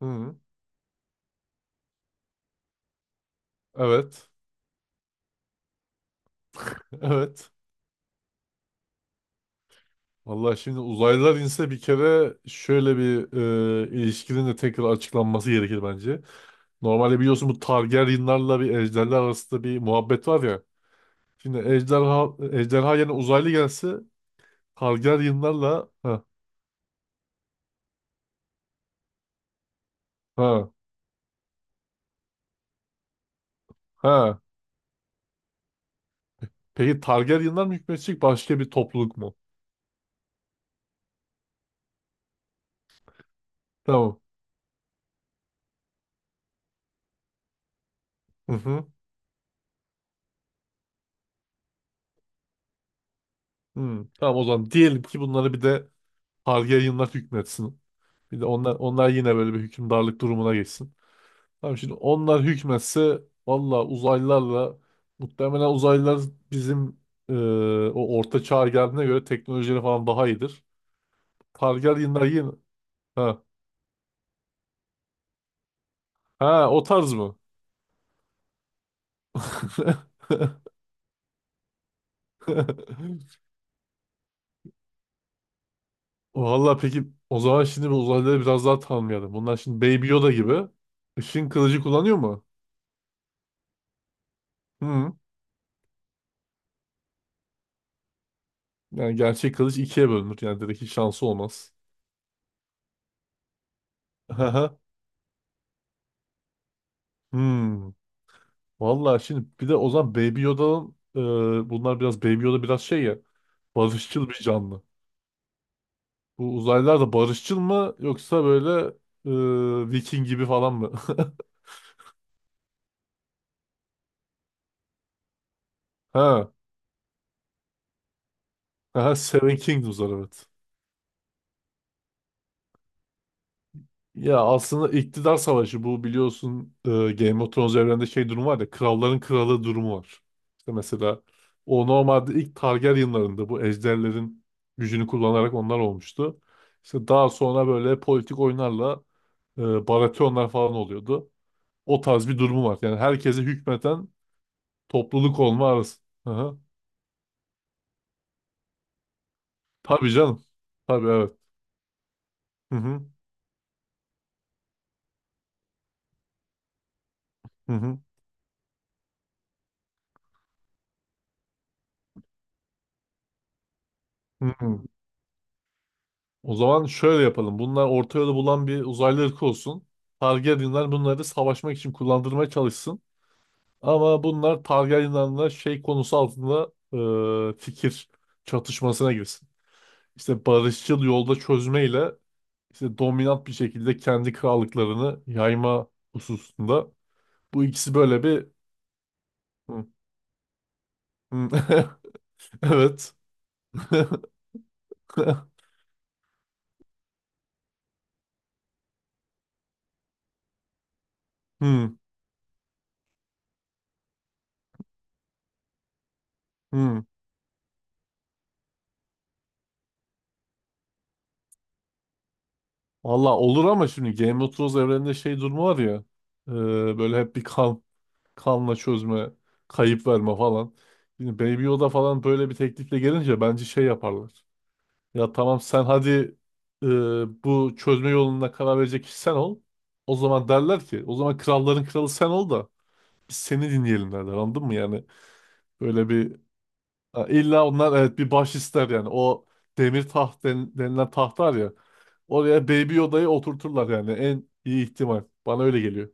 Hı. Evet. Evet. Vallahi şimdi uzaylılar inse bir kere şöyle bir ilişkinin de tekrar açıklanması gerekir bence. Normalde biliyorsun bu Targaryenlarla bir ejderler arasında bir muhabbet var ya. Şimdi ejderha yerine uzaylı gelse Targaryenlarla ha. Ha. Ha. Peki Targaryenlar mı hükmedecek başka bir topluluk mu? Tamam. Hı hı. Hı. Tamam, o zaman diyelim ki bunları bir de Targaryenlar hükmetsin. Bir de onlar yine böyle bir hükümdarlık durumuna geçsin. Tamam, şimdi onlar hükmetse valla uzaylılarla, muhtemelen uzaylılar bizim e, o orta çağ geldiğine göre teknolojileri falan daha iyidir. Targaryenler yine. Ha. Ha, o tarz mı? Valla, peki, o zaman şimdi bu uzaylıları biraz daha tanımayalım. Bunlar şimdi Baby Yoda gibi ışın kılıcı kullanıyor mu? Hı. Yani gerçek kılıç ikiye bölünür. Yani direkt hiç şansı olmaz. Hı. Hmm. Vallahi şimdi bir de o zaman Baby Yoda'nın bunlar biraz Baby Yoda biraz şey ya, barışçıl bir canlı. Bu uzaylılar da barışçıl mı, yoksa böyle Viking gibi falan mı? Ha. Ha, Seven Kingdoms'lar, evet. Ya aslında iktidar savaşı bu, biliyorsun, Game of Thrones evrende şey durumu var ya, kralların kralı durumu var. İşte mesela o normalde ilk Targaryen'larında bu ejderlerin gücünü kullanarak onlar olmuştu. İşte daha sonra böyle politik oyunlarla e, Baratheonlar falan oluyordu. O tarz bir durumu var. Yani herkese hükmeten topluluk olma arası. Hı hı. Tabii canım. Tabii, evet. Hı hı. Hı hı. Hı hı. O zaman şöyle yapalım. Bunlar orta yolu bulan bir uzaylı ırkı olsun. Targaryenler bunları savaşmak için kullandırmaya çalışsın. Ama bunlar Targaryenlerle şey konusu altında fikir çatışmasına girsin. İşte barışçıl yolda çözmeyle, işte dominant bir şekilde kendi krallıklarını yayma hususunda. Bu ikisi böyle bir. Hı, hı. Evet. Hmm, hmm. Valla olur ama şimdi Game of Thrones evreninde şey durumu var ya. e, Böyle hep bir kan, kanla çözme, kayıp verme falan. Yine Baby Yoda falan böyle bir teklifle gelince bence şey yaparlar. Ya, tamam, sen hadi, e, bu çözme yoluna karar verecek kişi sen ol. O zaman derler ki, o zaman kralların kralı sen ol da biz seni dinleyelim derler, anladın mı yani? Böyle bir, ha, illa onlar, evet, bir baş ister yani. O demir taht denilen taht var ya, oraya Baby Yoda'yı oturturlar yani, en iyi ihtimal. Bana öyle geliyor.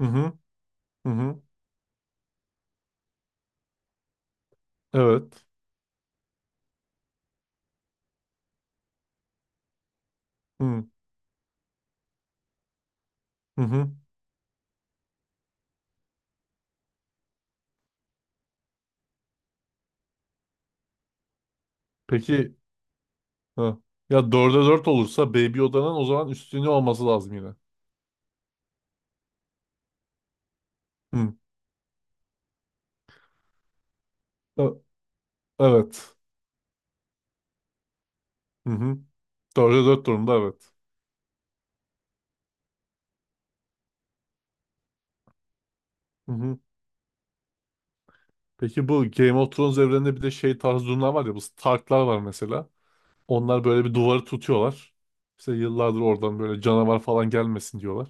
Hı hı, hı hı, evet. Hı hı, hı. Peki. Ha. Ya dörde dört olursa Baby Yoda'nın o zaman üstünlüğü olması lazım yine. Hı. E- Evet. Hı hı. Dörde dört durumda, evet. Hı hı. Peki, bu Game of Thrones evreninde bir de şey tarzı durumlar var ya, bu Stark'lar var mesela. Onlar böyle bir duvarı tutuyorlar. İşte yıllardır oradan böyle canavar falan gelmesin diyorlar.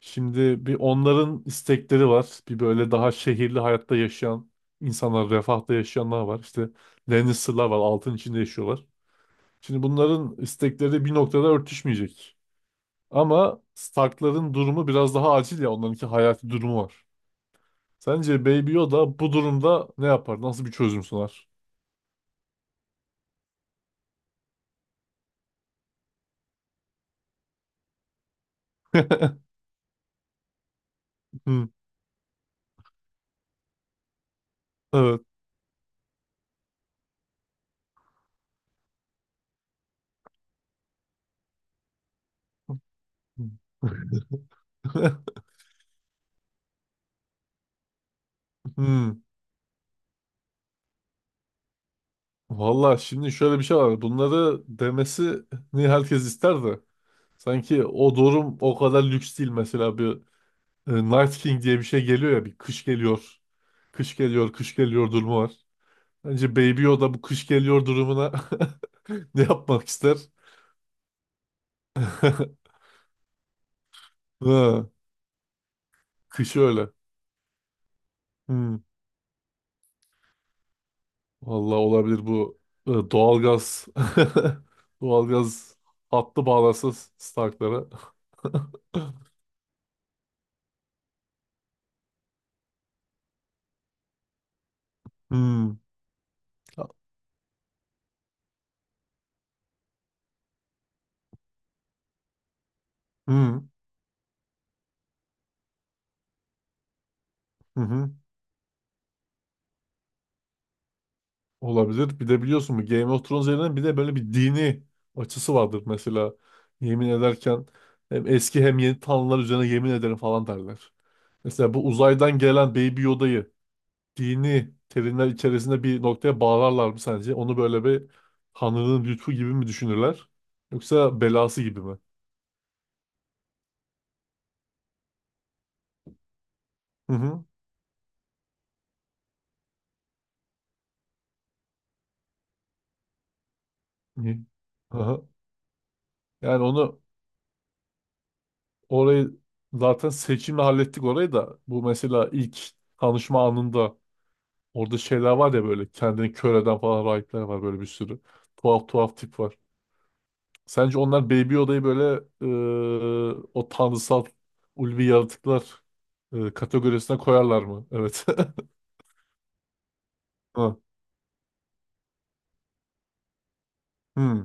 Şimdi bir, onların istekleri var. Bir böyle daha şehirli hayatta yaşayan insanlar, refahta yaşayanlar var. İşte Lannister'lar var, altın içinde yaşıyorlar. Şimdi bunların istekleri bir noktada örtüşmeyecek. Ama Stark'ların durumu biraz daha acil ya. Onlarınki hayati durumu var. Sence Baby Yoda bu durumda ne yapar? Nasıl bir çözüm sunar? Hmm. Evet. Hmm. Valla şimdi şöyle bir şey var. Bunları demesini herkes ister de. Sanki o durum o kadar lüks değil. Mesela bir Night King diye bir şey geliyor ya. Bir kış geliyor. Kış geliyor, kış geliyor durumu var. Bence Baby Yoda bu kış geliyor durumuna ne yapmak ister? Ha. Kışı öyle. Hmm. Vallahi olabilir bu doğalgaz doğalgaz hattı bağlarsa Stark'lara. Hmm. Hmm. Hı hı. Olabilir. Bir de biliyorsun bu Game of Thrones üzerinden bir de böyle bir dini açısı vardır mesela. Yemin ederken hem eski hem yeni tanrılar üzerine yemin ederim falan derler. Mesela bu uzaydan gelen Baby Yoda'yı dini terimler içerisinde bir noktaya bağlarlar mı sence? Onu böyle bir Tanrı'nın lütfu gibi mi düşünürler? Yoksa belası gibi mi? Hı hı. İyi. Aha. Yani orayı zaten seçimle hallettik. Orayı da, bu mesela ilk tanışma anında, orada şeyler var ya, böyle kendini kör eden falan rahipler var böyle, bir sürü. Tuhaf tuhaf tip var. Sence onlar Baby Yoda'yı böyle o tanrısal ulvi yaratıklar kategorisine koyarlar mı? Evet. Ha. Hmm,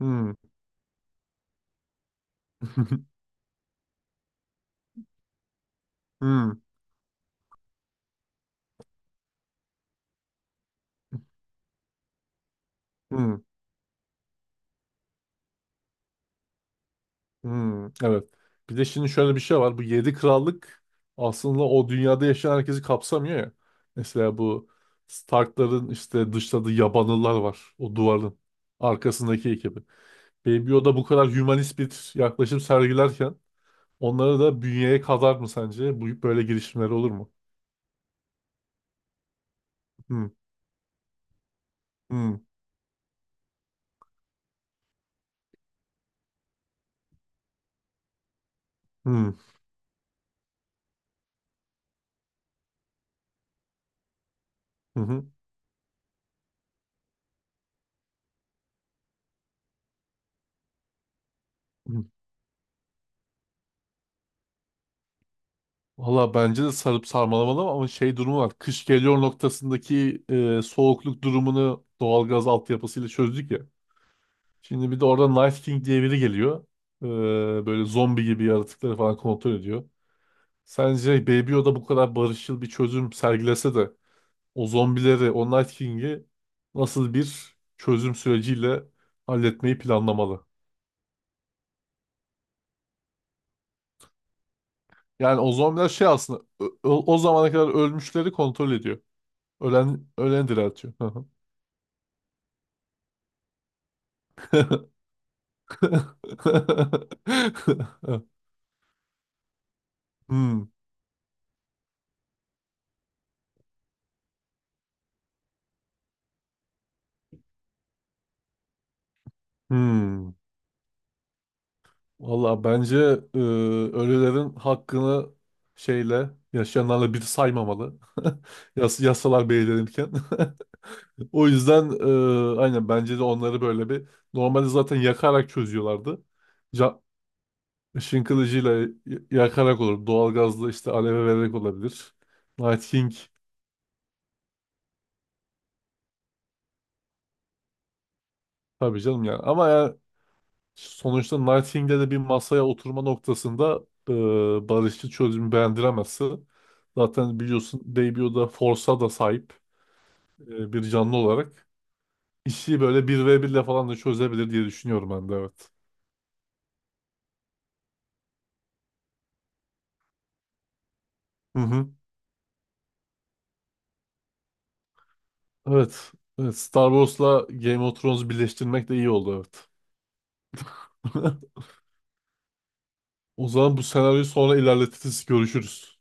hmm, hmm, hmm, hmm. Evet. Bir de şimdi şöyle bir şey var. Bu yedi krallık aslında o dünyada yaşayan herkesi kapsamıyor ya. Mesela bu Stark'ların işte dışladığı yabanıllar var. O duvarın arkasındaki ekibi. Baby Yoda bu kadar hümanist bir yaklaşım sergilerken onları da bünyeye kadar mı sence? Bu böyle girişimler olur mu? Hmm, hmm, hmm, hı hı. Valla bence de sarıp sarmalamalı, ama şey durumu var. Kış geliyor noktasındaki soğukluk durumunu doğalgaz altyapısıyla çözdük ya. Şimdi bir de orada Night King diye biri geliyor. E, Böyle zombi gibi yaratıkları falan kontrol ediyor. Sence Baby Yoda bu kadar barışçıl bir çözüm sergilese de o zombileri, o Night King'i nasıl bir çözüm süreciyle halletmeyi planlamalı? Yani o zombiler şey, aslında o zamana kadar ölmüşleri kontrol ediyor. Ölen diriltiyor. Hmm, hmm. Valla bence e, ölülerin hakkını şeyle yaşayanlarla bir saymamalı. Yasalar belirlenirken. O yüzden aynen, bence de onları böyle bir, normalde zaten yakarak çözüyorlardı. Ca ışın kılıcıyla yakarak olur. Doğalgazla, işte, aleve vererek olabilir. Night King, tabii canım ya. Ama ya Sonuçta Nightingale'de bir masaya oturma noktasında barışçı çözümü beğendiremezse, zaten biliyorsun Debio da Force'a da sahip bir canlı olarak işi böyle bir ve birle falan da çözebilir diye düşünüyorum ben de, evet. Hı hı. Evet. Evet, Star Wars'la Game of Thrones'u birleştirmek de iyi oldu, evet. O zaman bu senaryoyu sonra ilerletiriz, görüşürüz.